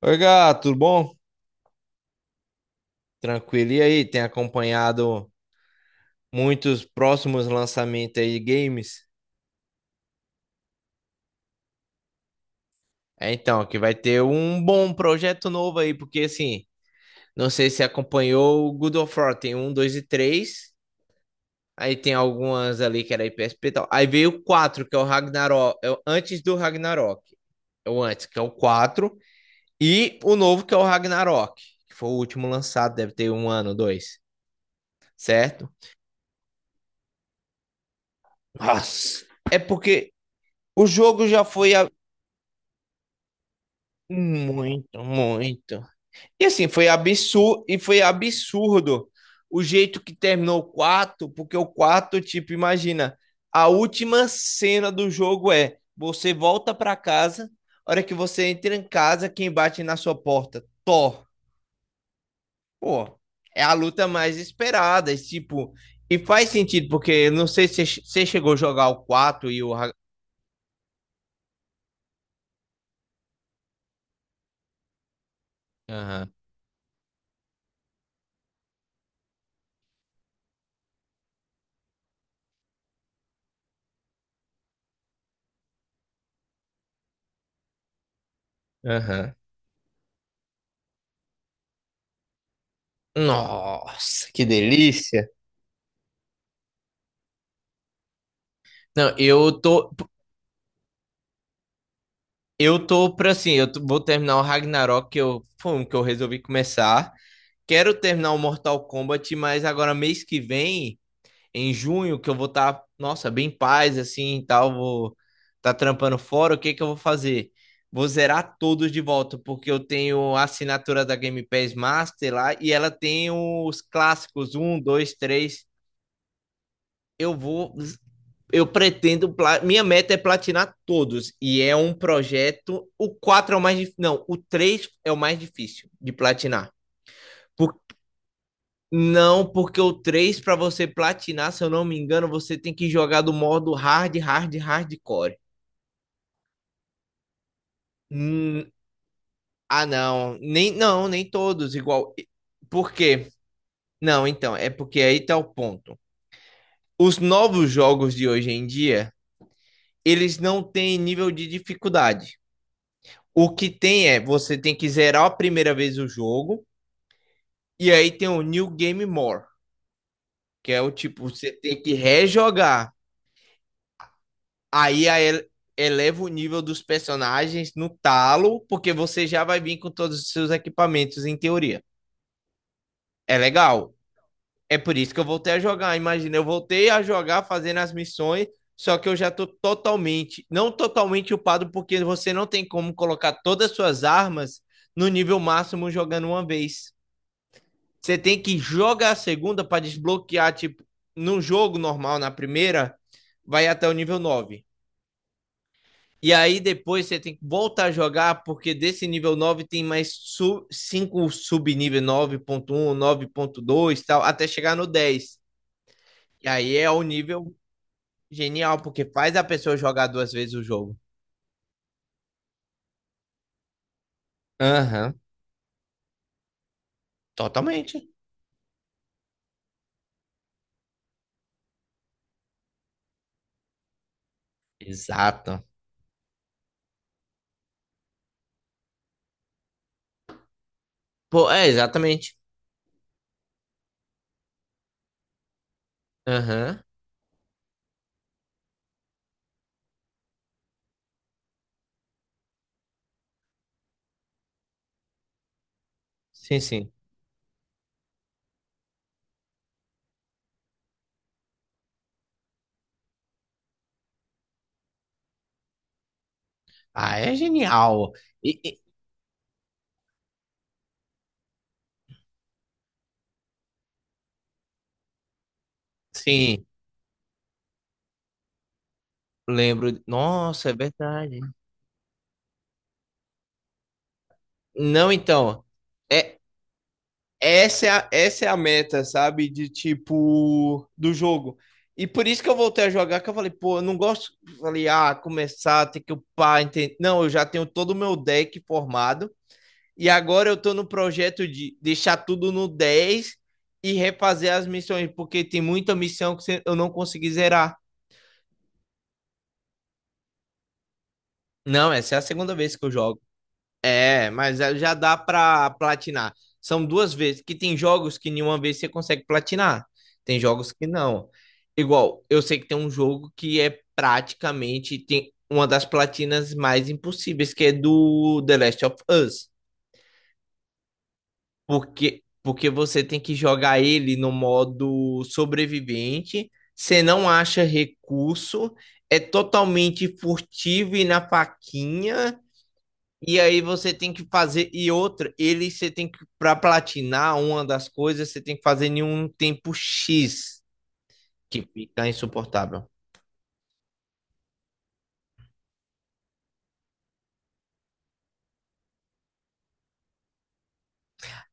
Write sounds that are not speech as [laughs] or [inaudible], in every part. Oi, gato, tudo bom? Tranquilo. E aí, tem acompanhado muitos próximos lançamentos aí de games? É, então, que vai ter um bom projeto novo aí, porque assim, não sei se acompanhou o God of War, tem um, dois e três. Aí tem algumas ali que era PSP e tal. Aí veio o 4 que é o Ragnarok, é o antes do Ragnarok. É o antes, que é o 4 e o novo que é o Ragnarok, que foi o último lançado, deve ter um ano, dois, certo? Nossa. É porque o jogo já foi muito, muito. E assim, foi absurdo, e foi absurdo o jeito que terminou o quarto, porque o quarto, tipo, imagina, a última cena do jogo é você volta pra casa, a hora que você entra em casa, quem bate na sua porta? Thor. Pô, é a luta mais esperada, e, tipo, e faz sentido, porque eu não sei se você chegou a jogar o quatro e o. Aham, aham. Nossa, que delícia! Não, eu tô. Eu tô pra assim, vou terminar o Ragnarok, que eu, foi um que eu resolvi começar. Quero terminar o Mortal Kombat, mas agora mês que vem, em junho, que eu vou estar, nossa, bem em paz, assim, e tal, vou tá trampando fora, o que que eu vou fazer? Vou zerar todos de volta, porque eu tenho a assinatura da Game Pass Master lá, e ela tem os clássicos, um, dois, três. Eu vou eu pretendo. Minha meta é platinar todos. E é um projeto. O 4 é o mais difícil. Não, o 3 é o mais difícil de platinar. Por- Não, porque o 3 para você platinar, se eu não me engano, você tem que jogar do modo hard, hard, hardcore. Hum, ah, não. Nem, não, nem todos igual. Por quê? Não, então, é porque aí tá o ponto. Os novos jogos de hoje em dia, eles não têm nível de dificuldade. O que tem é, você tem que zerar a primeira vez o jogo, e aí tem o New Game More, que é o tipo, você tem que rejogar. Aí a ele- eleva o nível dos personagens no talo, porque você já vai vir com todos os seus equipamentos, em teoria. É legal. É por isso que eu voltei a jogar. Imagina, eu voltei a jogar fazendo as missões, só que eu já tô totalmente, não totalmente upado, porque você não tem como colocar todas as suas armas no nível máximo jogando uma vez. Você tem que jogar a segunda para desbloquear, tipo, num jogo normal, na primeira, vai até o nível nove. E aí depois você tem que voltar a jogar, porque desse nível 9 tem mais 5 subnível 9.1, 9.2 tal, até chegar no 10. E aí é o nível genial, porque faz a pessoa jogar duas vezes o jogo. Aham, uhum. Totalmente. Exato. Pô, é, exatamente. Aham, sim, sim. Ah, é genial. E, e- sim. Lembro. Nossa, é verdade. Não, então. É, essa é a meta, sabe? De tipo, do jogo. E por isso que eu voltei a jogar, que eu falei, pô, eu não gosto. Falei, ah, começar, ter que upar, entende? Não, eu já tenho todo o meu deck formado. E agora eu tô no projeto de deixar tudo no 10 e refazer as missões, porque tem muita missão que eu não consegui zerar. Não, essa é a segunda vez que eu jogo. É, mas é- já dá pra platinar. São duas vezes, que tem jogos que nenhuma vez você consegue platinar. Tem jogos que não. Igual, eu sei que tem um jogo que é praticamente tem uma das platinas mais impossíveis, que é do The Last of Us. Porque, porque você tem que jogar ele no modo sobrevivente, você não acha recurso, é totalmente furtivo e na faquinha. E aí você tem que fazer e outra, ele você tem que para platinar uma das coisas, você tem que fazer em um tempo X, que fica insuportável.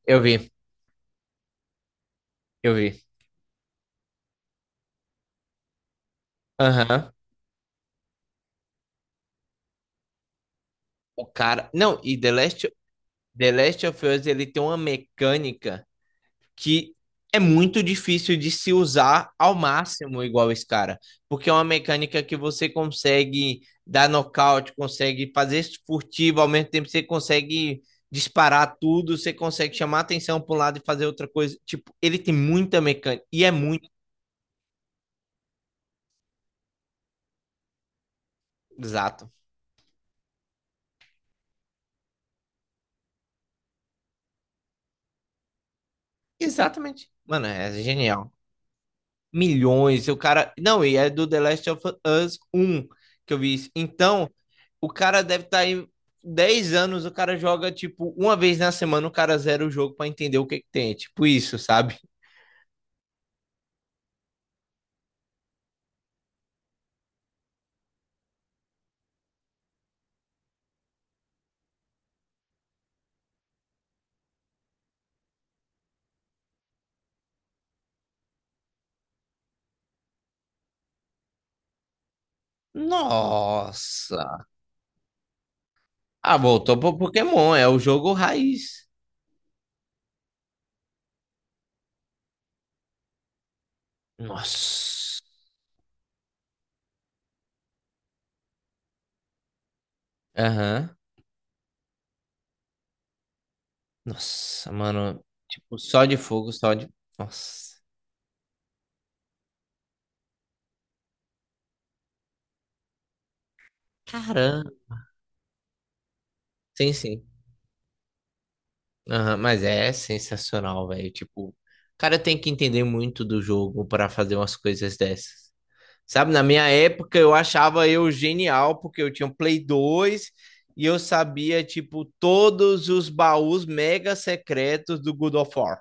Eu vi, eu vi. Aham. O cara, não, e The Last of Us ele tem uma mecânica que é muito difícil de se usar ao máximo igual esse cara, porque é uma mecânica que você consegue dar nocaute, consegue fazer furtivo, ao mesmo tempo você consegue disparar tudo, você consegue chamar atenção para um lado e fazer outra coisa. Tipo, ele tem muita mecânica e é muito exato. Exatamente. Mano, é genial. Milhões. O cara. Não, e é do The Last of Us um que eu vi isso. Então, o cara deve estar aí 10 anos, o cara joga, tipo, uma vez na semana, o cara zera o jogo para entender o que que tem. É tipo isso, sabe? Nossa. Ah, voltou pro Pokémon, é o jogo raiz. Nossa. Aham. Nossa, mano. Tipo, só de fogo, só de. Nossa. Caramba. Sim, sim. Aham, mas é sensacional, velho. Tipo, o cara tem que entender muito do jogo para fazer umas coisas dessas. Sabe, na minha época eu achava eu genial porque eu tinha um Play 2 e eu sabia, tipo, todos os baús mega secretos do God of War,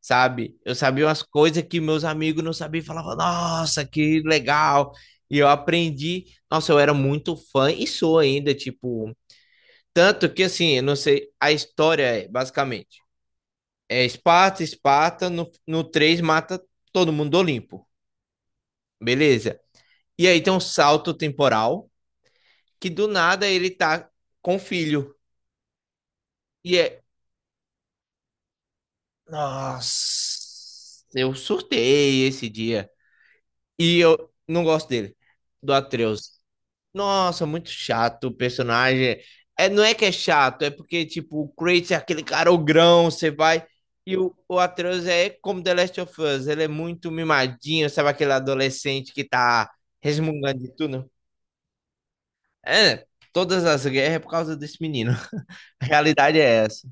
sabe? Eu sabia umas coisas que meus amigos não sabiam e falavam, nossa, que legal. E eu aprendi, nossa, eu era muito fã e sou ainda, tipo, tanto que assim, eu não sei, a história é basicamente é Esparta, Esparta, no 3 mata todo mundo do Olimpo. Beleza. E aí tem um salto temporal que do nada ele tá com o filho. E é. Nossa, eu surtei esse dia. E eu não gosto dele, do Atreus. Nossa, muito chato o personagem. É, não é que é chato, é porque, tipo, o Kratos é aquele cara ogrão, você vai. E o Atreus é como The Last of Us, ele é muito mimadinho, sabe aquele adolescente que tá resmungando de tudo? É, todas as guerras é por causa desse menino. [laughs] A realidade é essa.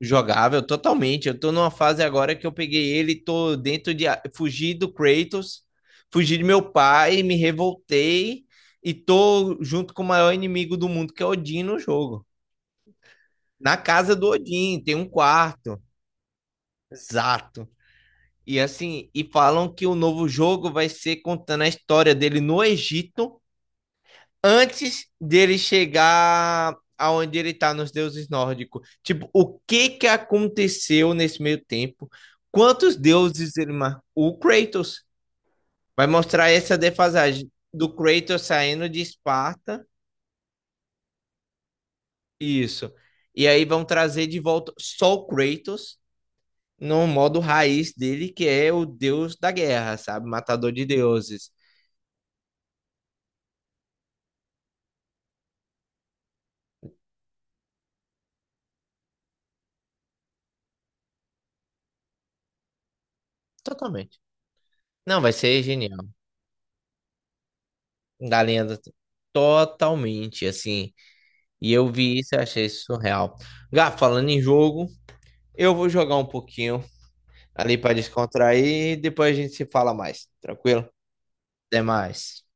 Jogável, totalmente. Eu tô numa fase agora que eu peguei ele, tô dentro de. Fugi do Kratos, fugi de meu pai, me revoltei e tô junto com o maior inimigo do mundo, que é Odin, no jogo. Na casa do Odin, tem um quarto. Exato. E assim, e falam que o novo jogo vai ser contando a história dele no Egito antes dele chegar aonde ele tá nos deuses nórdicos. Tipo, o que que aconteceu nesse meio tempo? Quantos deuses ele marcou? O Kratos vai mostrar essa defasagem do Kratos saindo de Esparta. Isso. E aí vão trazer de volta só o Kratos no modo raiz dele, que é o deus da guerra, sabe? Matador de deuses. Totalmente. Não, vai ser genial. Galinha do... Totalmente, assim. E eu vi isso e achei isso surreal. Gá, falando em jogo, eu vou jogar um pouquinho ali para descontrair e depois a gente se fala mais. Tranquilo? Até mais.